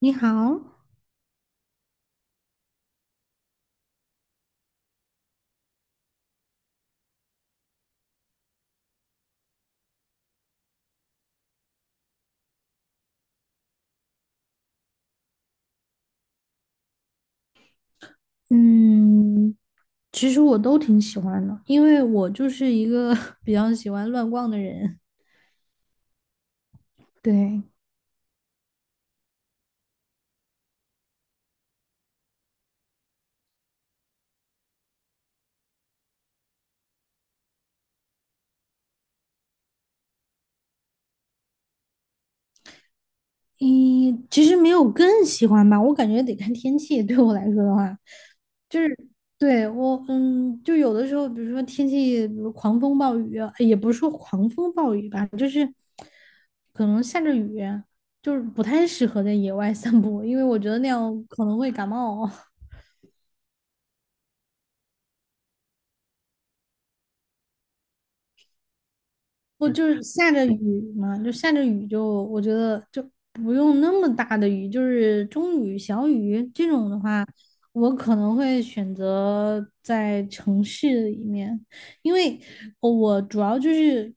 你好。嗯，其实我都挺喜欢的，因为我就是一个 比较喜欢乱逛的人。对，嗯，其实没有更喜欢吧，我感觉得看天气。对我来说的话，就是对我，嗯，就有的时候，比如说天气，比如狂风暴雨，也不是说狂风暴雨吧，就是可能下着雨，就是不太适合在野外散步，因为我觉得那样可能会感冒。不就是下着雨嘛，就下着雨就我觉得就不用那么大的雨，就是中雨、小雨这种的话，我可能会选择在城市里面，因为我主要就是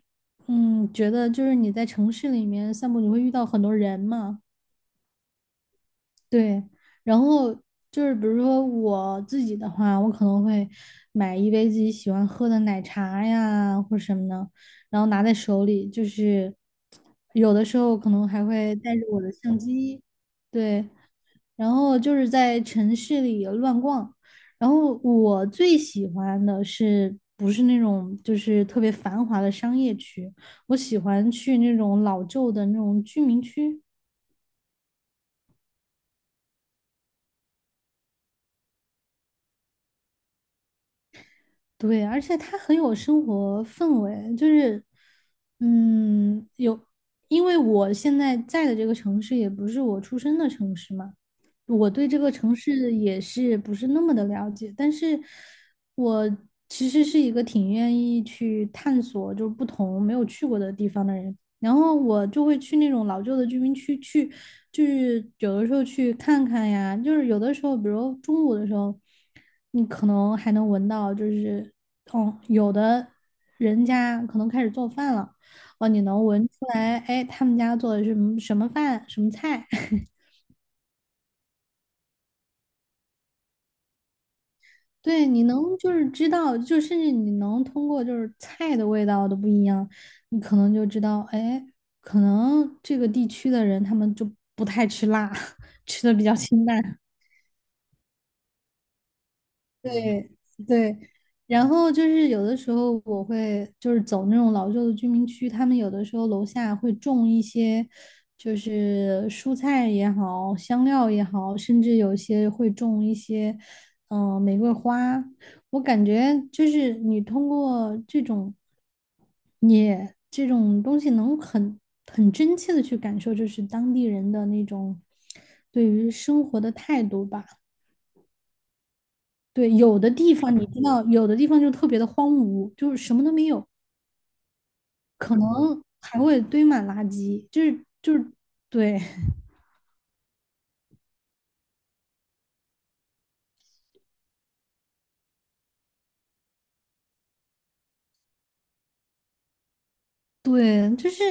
觉得就是你在城市里面散步，你会遇到很多人嘛。对，然后就是比如说我自己的话，我可能会买一杯自己喜欢喝的奶茶呀，或什么的，然后拿在手里，就是有的时候可能还会带着我的相机。对，然后就是在城市里乱逛，然后我最喜欢的是不是那种就是特别繁华的商业区，我喜欢去那种老旧的那种居民区。对，而且它很有生活氛围，就是，嗯，有，因为我现在在的这个城市也不是我出生的城市嘛，我对这个城市也是不是那么的了解，但是我其实是一个挺愿意去探索，就是不同没有去过的地方的人。然后我就会去那种老旧的居民区去，就是有的时候去看看呀，就是有的时候，比如中午的时候，你可能还能闻到，就是哦，有的人家可能开始做饭了，哦，你能闻出来，哎，他们家做的是什么什么饭、什么菜。对，你能就是知道，就甚至你能通过就是菜的味道都不一样，你可能就知道，哎，可能这个地区的人他们就不太吃辣，吃的比较清淡。对对，然后就是有的时候我会就是走那种老旧的居民区，他们有的时候楼下会种一些，就是蔬菜也好，香料也好，甚至有些会种一些，嗯、玫瑰花。我感觉就是你通过这种你这种东西，能很真切的去感受，就是当地人的那种对于生活的态度吧。对，有的地方你知道，有的地方就特别的荒芜，就是什么都没有，可能还会堆满垃圾，就是对对，就是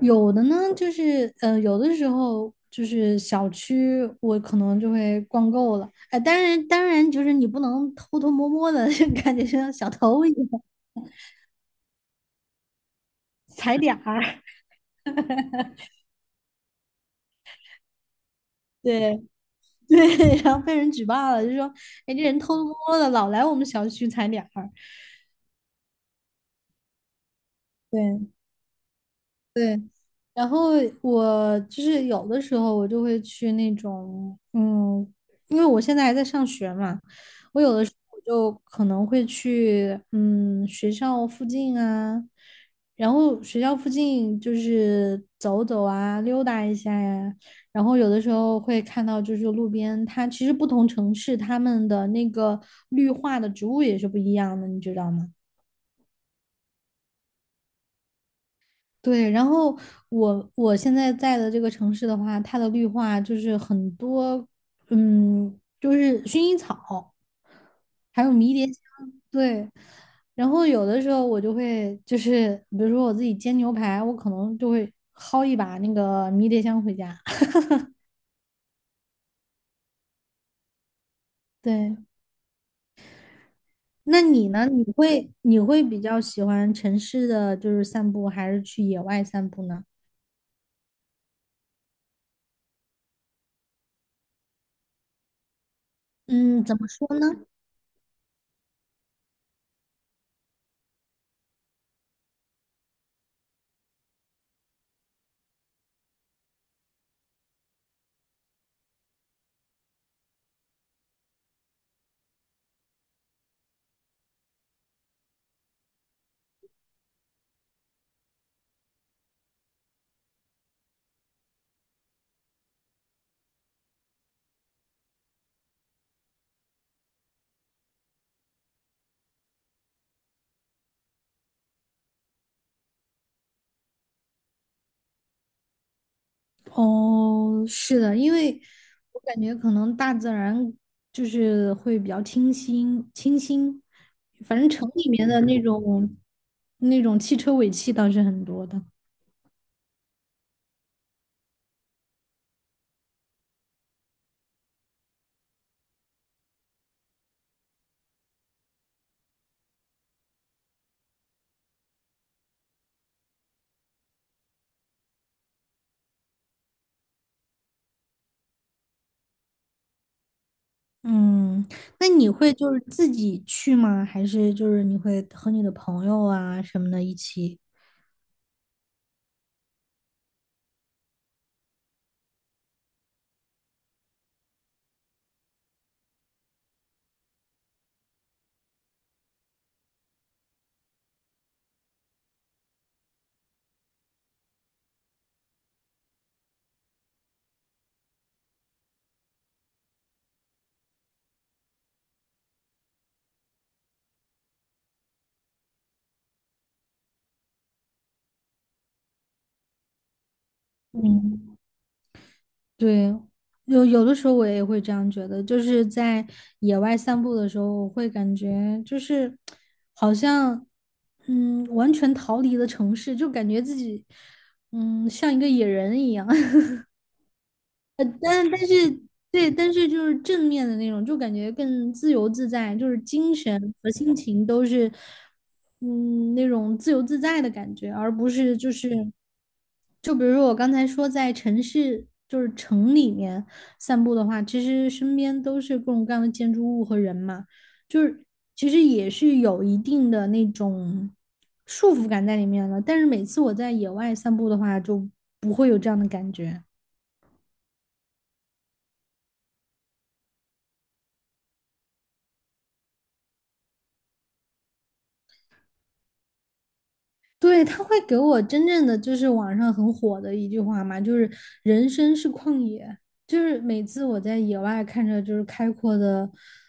有的呢，就是，有的时候就是小区我可能就会逛够了，哎，当然就是你不能偷偷摸摸的，就感觉像小偷一样踩点儿，对 对，然后被人举报了，就说哎这人偷偷摸摸的老来我们小区踩点儿。对。对，然后我就是有的时候我就会去那种，嗯，因为我现在还在上学嘛，我有的时候就可能会去，嗯，学校附近啊，然后学校附近就是走走啊，溜达一下呀，然后有的时候会看到就是路边，它其实不同城市它们的那个绿化的植物也是不一样的，你知道吗？对，然后我现在在的这个城市的话，它的绿化就是很多，嗯，就是薰衣草，还有迷迭香。对。然后有的时候我就会就是，比如说我自己煎牛排，我可能就会薅一把那个迷迭香回家。对，那你呢？你会比较喜欢城市的就是散步，还是去野外散步呢？嗯，怎么说呢？哦，是的，因为我感觉可能大自然就是会比较清新，清新，反正城里面的那种那种汽车尾气倒是很多的。嗯，那你会就是自己去吗？还是就是你会和你的朋友啊什么的一起？嗯对，有的时候我也会这样觉得，就是在野外散步的时候，我会感觉就是好像完全逃离了城市，就感觉自己像一个野人一样。但是对，但是就是正面的那种，就感觉更自由自在，就是精神和心情都是，嗯，那种自由自在的感觉，而不是就是，就比如说我刚才说在城市，就是城里面散步的话，其实身边都是各种各样的建筑物和人嘛，就是其实也是有一定的那种束缚感在里面了。但是每次我在野外散步的话，就不会有这样的感觉。对，他会给我真正的就是网上很火的一句话嘛，就是人生是旷野，就是每次我在野外看着就是开阔的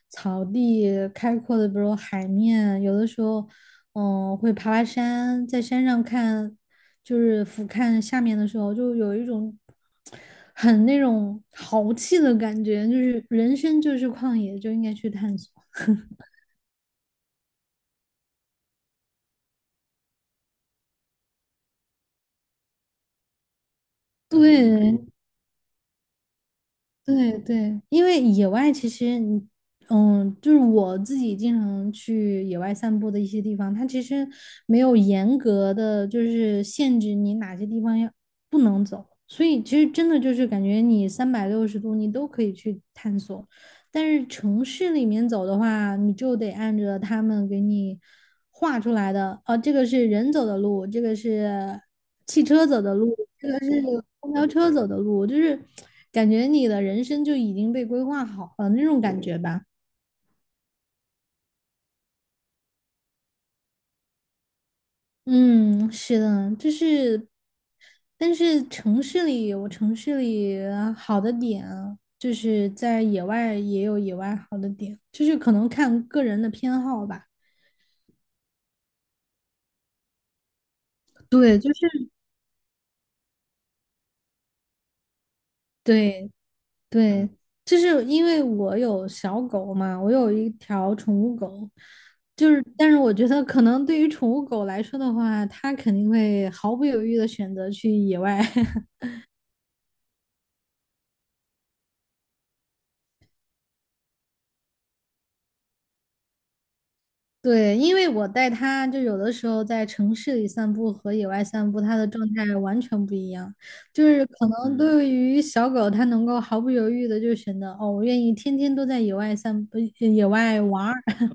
草地、开阔的比如海面，有的时候，嗯，会爬爬山，在山上看，就是俯瞰下面的时候，就有一种很那种豪气的感觉，就是人生就是旷野，就应该去探索。对，对对，因为野外其实你，嗯，就是我自己经常去野外散步的一些地方，它其实没有严格的就是限制你哪些地方要不能走，所以其实真的就是感觉你360度你都可以去探索。但是城市里面走的话，你就得按着他们给你画出来的，哦，这个是人走的路，这个是汽车走的路，这个是公交车走的路，就是感觉你的人生就已经被规划好了那种感觉吧。嗯，是的，就是，但是城市里有城市里好的点啊就是在野外也有野外好的点，就是可能看个人的偏好吧。对，就是对，对，就是因为我有小狗嘛，我有一条宠物狗，就是，但是我觉得可能对于宠物狗来说的话，它肯定会毫不犹豫的选择去野外。对，因为我带它，就有的时候在城市里散步和野外散步，它的状态完全不一样。就是可能对于小狗，它能够毫不犹豫的就选择，哦，我愿意天天都在野外散步，野外玩儿，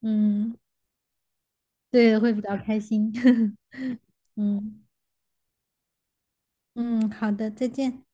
嗯，对，会比较开心，嗯。嗯，好的，再见。